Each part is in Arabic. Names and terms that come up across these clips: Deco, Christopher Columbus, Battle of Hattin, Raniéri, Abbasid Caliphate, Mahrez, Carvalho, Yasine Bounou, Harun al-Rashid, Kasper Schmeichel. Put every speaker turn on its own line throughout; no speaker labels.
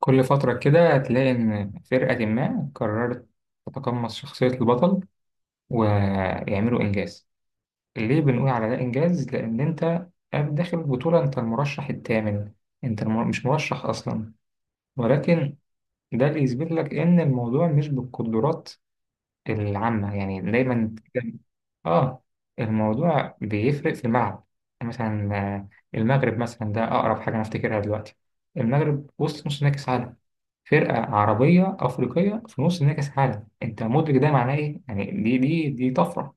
كل فترة كده هتلاقي إن فرقة ما قررت تتقمص شخصية البطل ويعملوا إنجاز. ليه بنقول على ده إنجاز؟ لأن أنت داخل البطولة، أنت المرشح الثامن، مش مرشح أصلا، ولكن ده اللي يثبت لك إن الموضوع مش بالقدرات العامة. يعني دايما آه الموضوع بيفرق في الملعب. يعني مثلا المغرب مثلا ده أقرب حاجة أنا أفتكرها دلوقتي. المغرب وصل نص نهائي كأس عالم، فرقة عربية أفريقية في نص نهائي كأس العالم. أنت مدرك ده معناه إيه؟ يعني دي طفرة.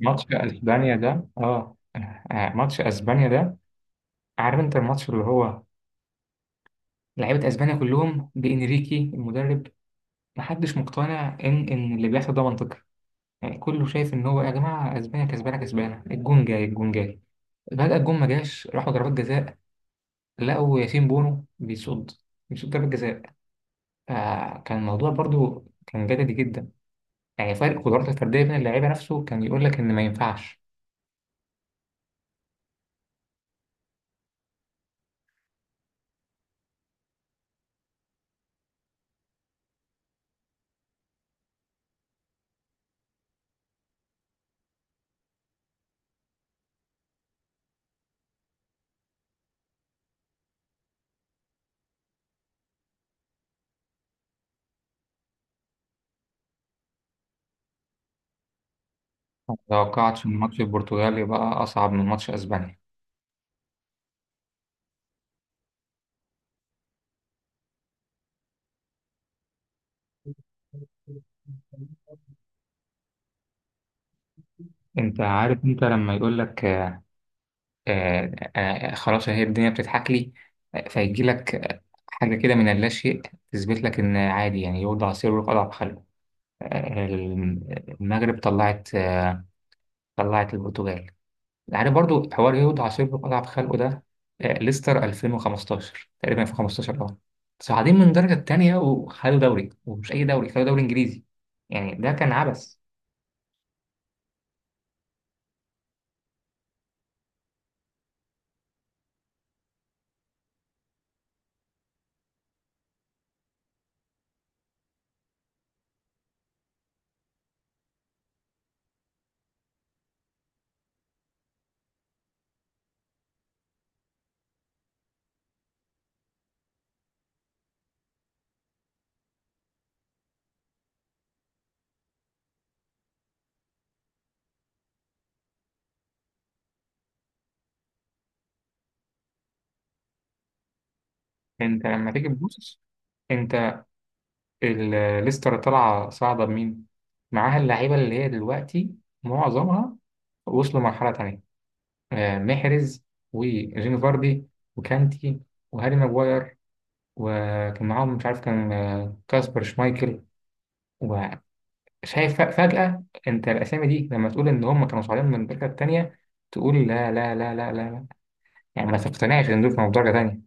ماتش أسبانيا ده آه ماتش أسبانيا ده، عارف أنت الماتش اللي هو لعيبة أسبانيا كلهم بإنريكي المدرب، محدش مقتنع إن اللي بيحصل ده منطقي. يعني كله شايف إن هو يا جماعة أسبانيا كسبانة كسبانة، الجون جاي الجون جاي، فجأة الجون ما جاش، راحوا ضربات جزاء، لقوا ياسين بونو بيصد، ضربة جزاء. فكان الموضوع برضو كان جدلي جدا. يعني فرق قدرات الفردية بين اللعيبة نفسه كان يقول لك إن ما ينفعش. ما توقعتش إن ماتش البرتغال يبقى أصعب من ماتش أسبانيا. أنت عارف أنت لما يقول لك خلاص، هي الدنيا بتضحك لي، فيجي لك حاجة كده من اللاشيء تثبت لك إن عادي. يعني يوضع سر ويقال على خلقه. آه، المغرب طلعت، طلعت البرتغال. يعني برضو حوار يهود عصيب أضعف خلقه ده. ليستر 2015 تقريبا، 2015 صاعدين من الدرجة التانية وخدوا دوري، ومش أي دوري، خدوا دوري إنجليزي. يعني ده كان عبث. أنت لما تيجي تبص، أنت ليستر طالعة صاعدة بمين؟ معاها اللعيبة اللي هي دلوقتي معظمها وصلوا مرحلة تانية. محرز، وجيمي فاردي، وكانتي، وهاري ماجواير، وكان معاهم مش عارف كان كاسبر شمايكل. شايف؟ فجأة انت الاسامي دي لما تقول ان هم كانوا صاعدين من الدرجة التانية، تقول لا لا لا لا لا لا، يعني ما تقتنعش ان دول كانوا في درجة تانية.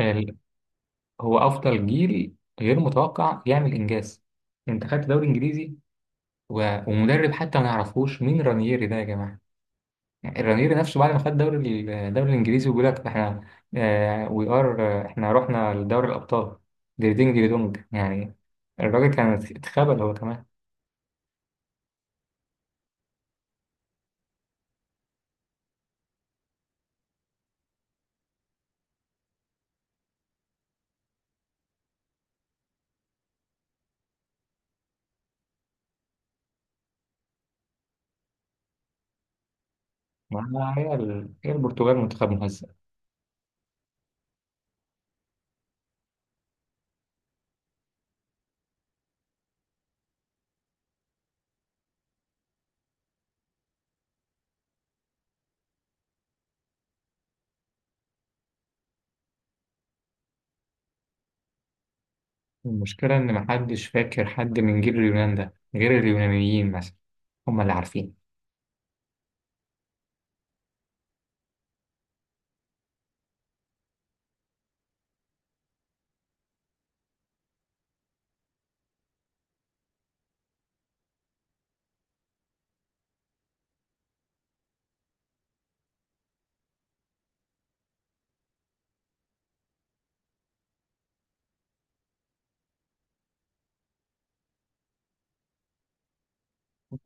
ال- هو افضل جيل غير متوقع يعمل انجاز. انت خدت دوري انجليزي، ومدرب حتى ما نعرفوش مين رانييري ده يا جماعة. يعني الرانييري نفسه بعد ما خد دوري الدوري الانجليزي، وبيقول لك احنا وي ار، احنا رحنا لدوري الابطال ديردينج ديردونج يعني. الراجل كان اتخبل هو كمان. ما هي البرتغال منتخب مهزأ. المشكلة إن محدش فاكر حد من جيل اليونان ده غير اليونانيين مثلا، هم اللي عارفين.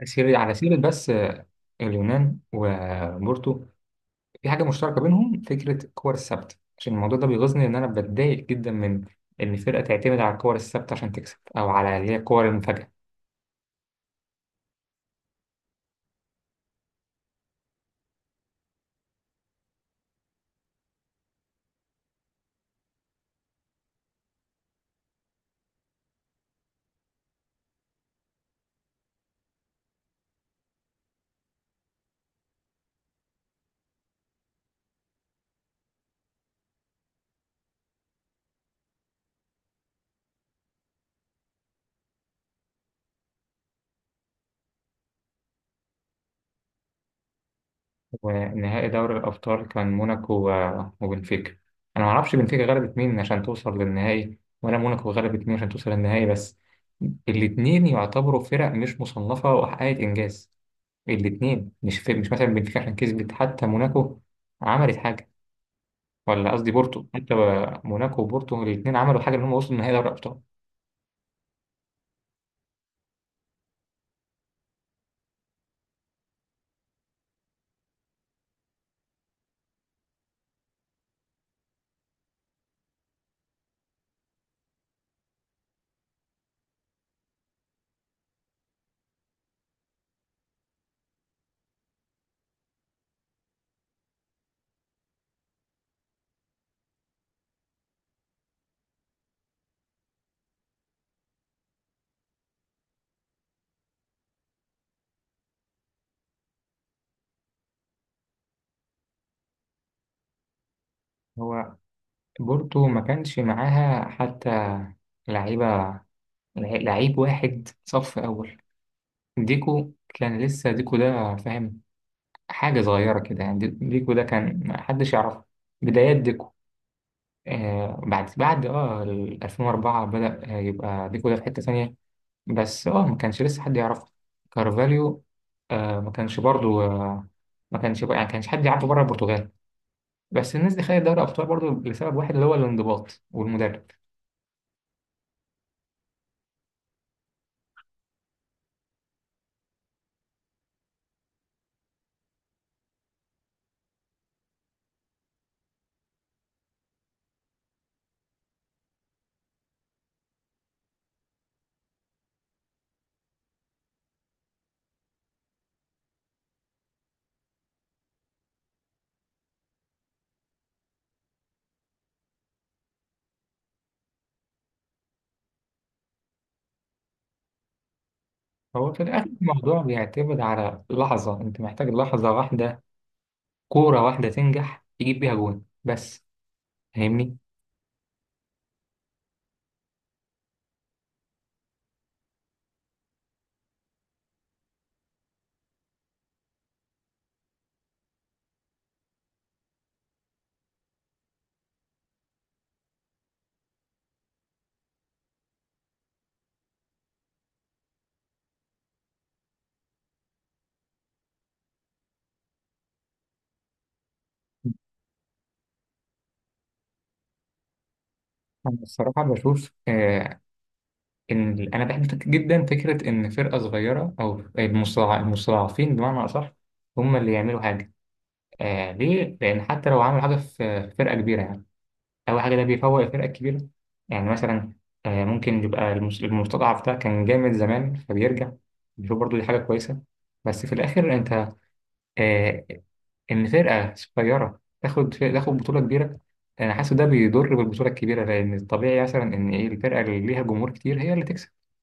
سيرة على سيرة بس، اليونان وبورتو في حاجة مشتركة بينهم، فكرة الكور الثابتة. عشان الموضوع ده بيغيظني، إن أنا بتضايق جدا من إن فرقة تعتمد على الكور الثابتة عشان تكسب، أو على اللي هي الكور المفاجأة. ونهائي دوري الأبطال كان موناكو وبنفيكا. أنا ما أعرفش بنفيكا غلبت مين عشان توصل للنهائي، ولا موناكو غلبت مين عشان توصل للنهائي، بس الاتنين يعتبروا فرق مش مصنفة وحققت إنجاز. الاتنين مش في، مش مثلا بنفيكا عشان كسبت حتى، موناكو عملت حاجة، ولا قصدي بورتو حتى. موناكو وبورتو الاتنين عملوا حاجة إن هم وصلوا لنهائي دوري الأبطال. هو بورتو ما كانش معاها حتى لعيبة، لعيب واحد صف أول. ديكو كان لسه ديكو ده فاهم، حاجة صغيرة كده يعني. ديكو ده كان ما حدش يعرفه، بدايات ديكو. بعد ال 2004 بدأ يبقى ديكو ده في حتة ثانية، بس ما كانش لسه حد يعرفه. كارفاليو، ما كانش برضو. آه ما كانش بقى- يعني كانش حد يعرفه بره البرتغال. بس الناس دي خدت دوري أبطال برضو لسبب واحد اللي هو الانضباط والمدرب. هو في الآخر الموضوع بيعتمد على لحظة، أنت محتاج لحظة واحدة، كورة واحدة تنجح تجيب بيها جون بس. فاهمني؟ أنا الصراحة بشوف إن أنا بحب جدا فكرة إن فرقة صغيرة، أو المستضعفين بمعنى أصح، هم اللي يعملوا حاجة. ليه؟ لأن حتى لو عملوا حاجة في فرقة كبيرة يعني، أول حاجة ده بيفوق الفرقة الكبيرة. يعني مثلا ممكن يبقى المستضعف ده كان جامد زمان فبيرجع، بيشوف برضو دي حاجة كويسة. بس في الآخر أنت آه ان فرقه صغيره تاخد بطوله كبيره، انا حاسس ده بيضر بالبطوله الكبيره. لان الطبيعي مثلا ان ايه، الفرقه اللي ليها جمهور كتير هي اللي تكسب.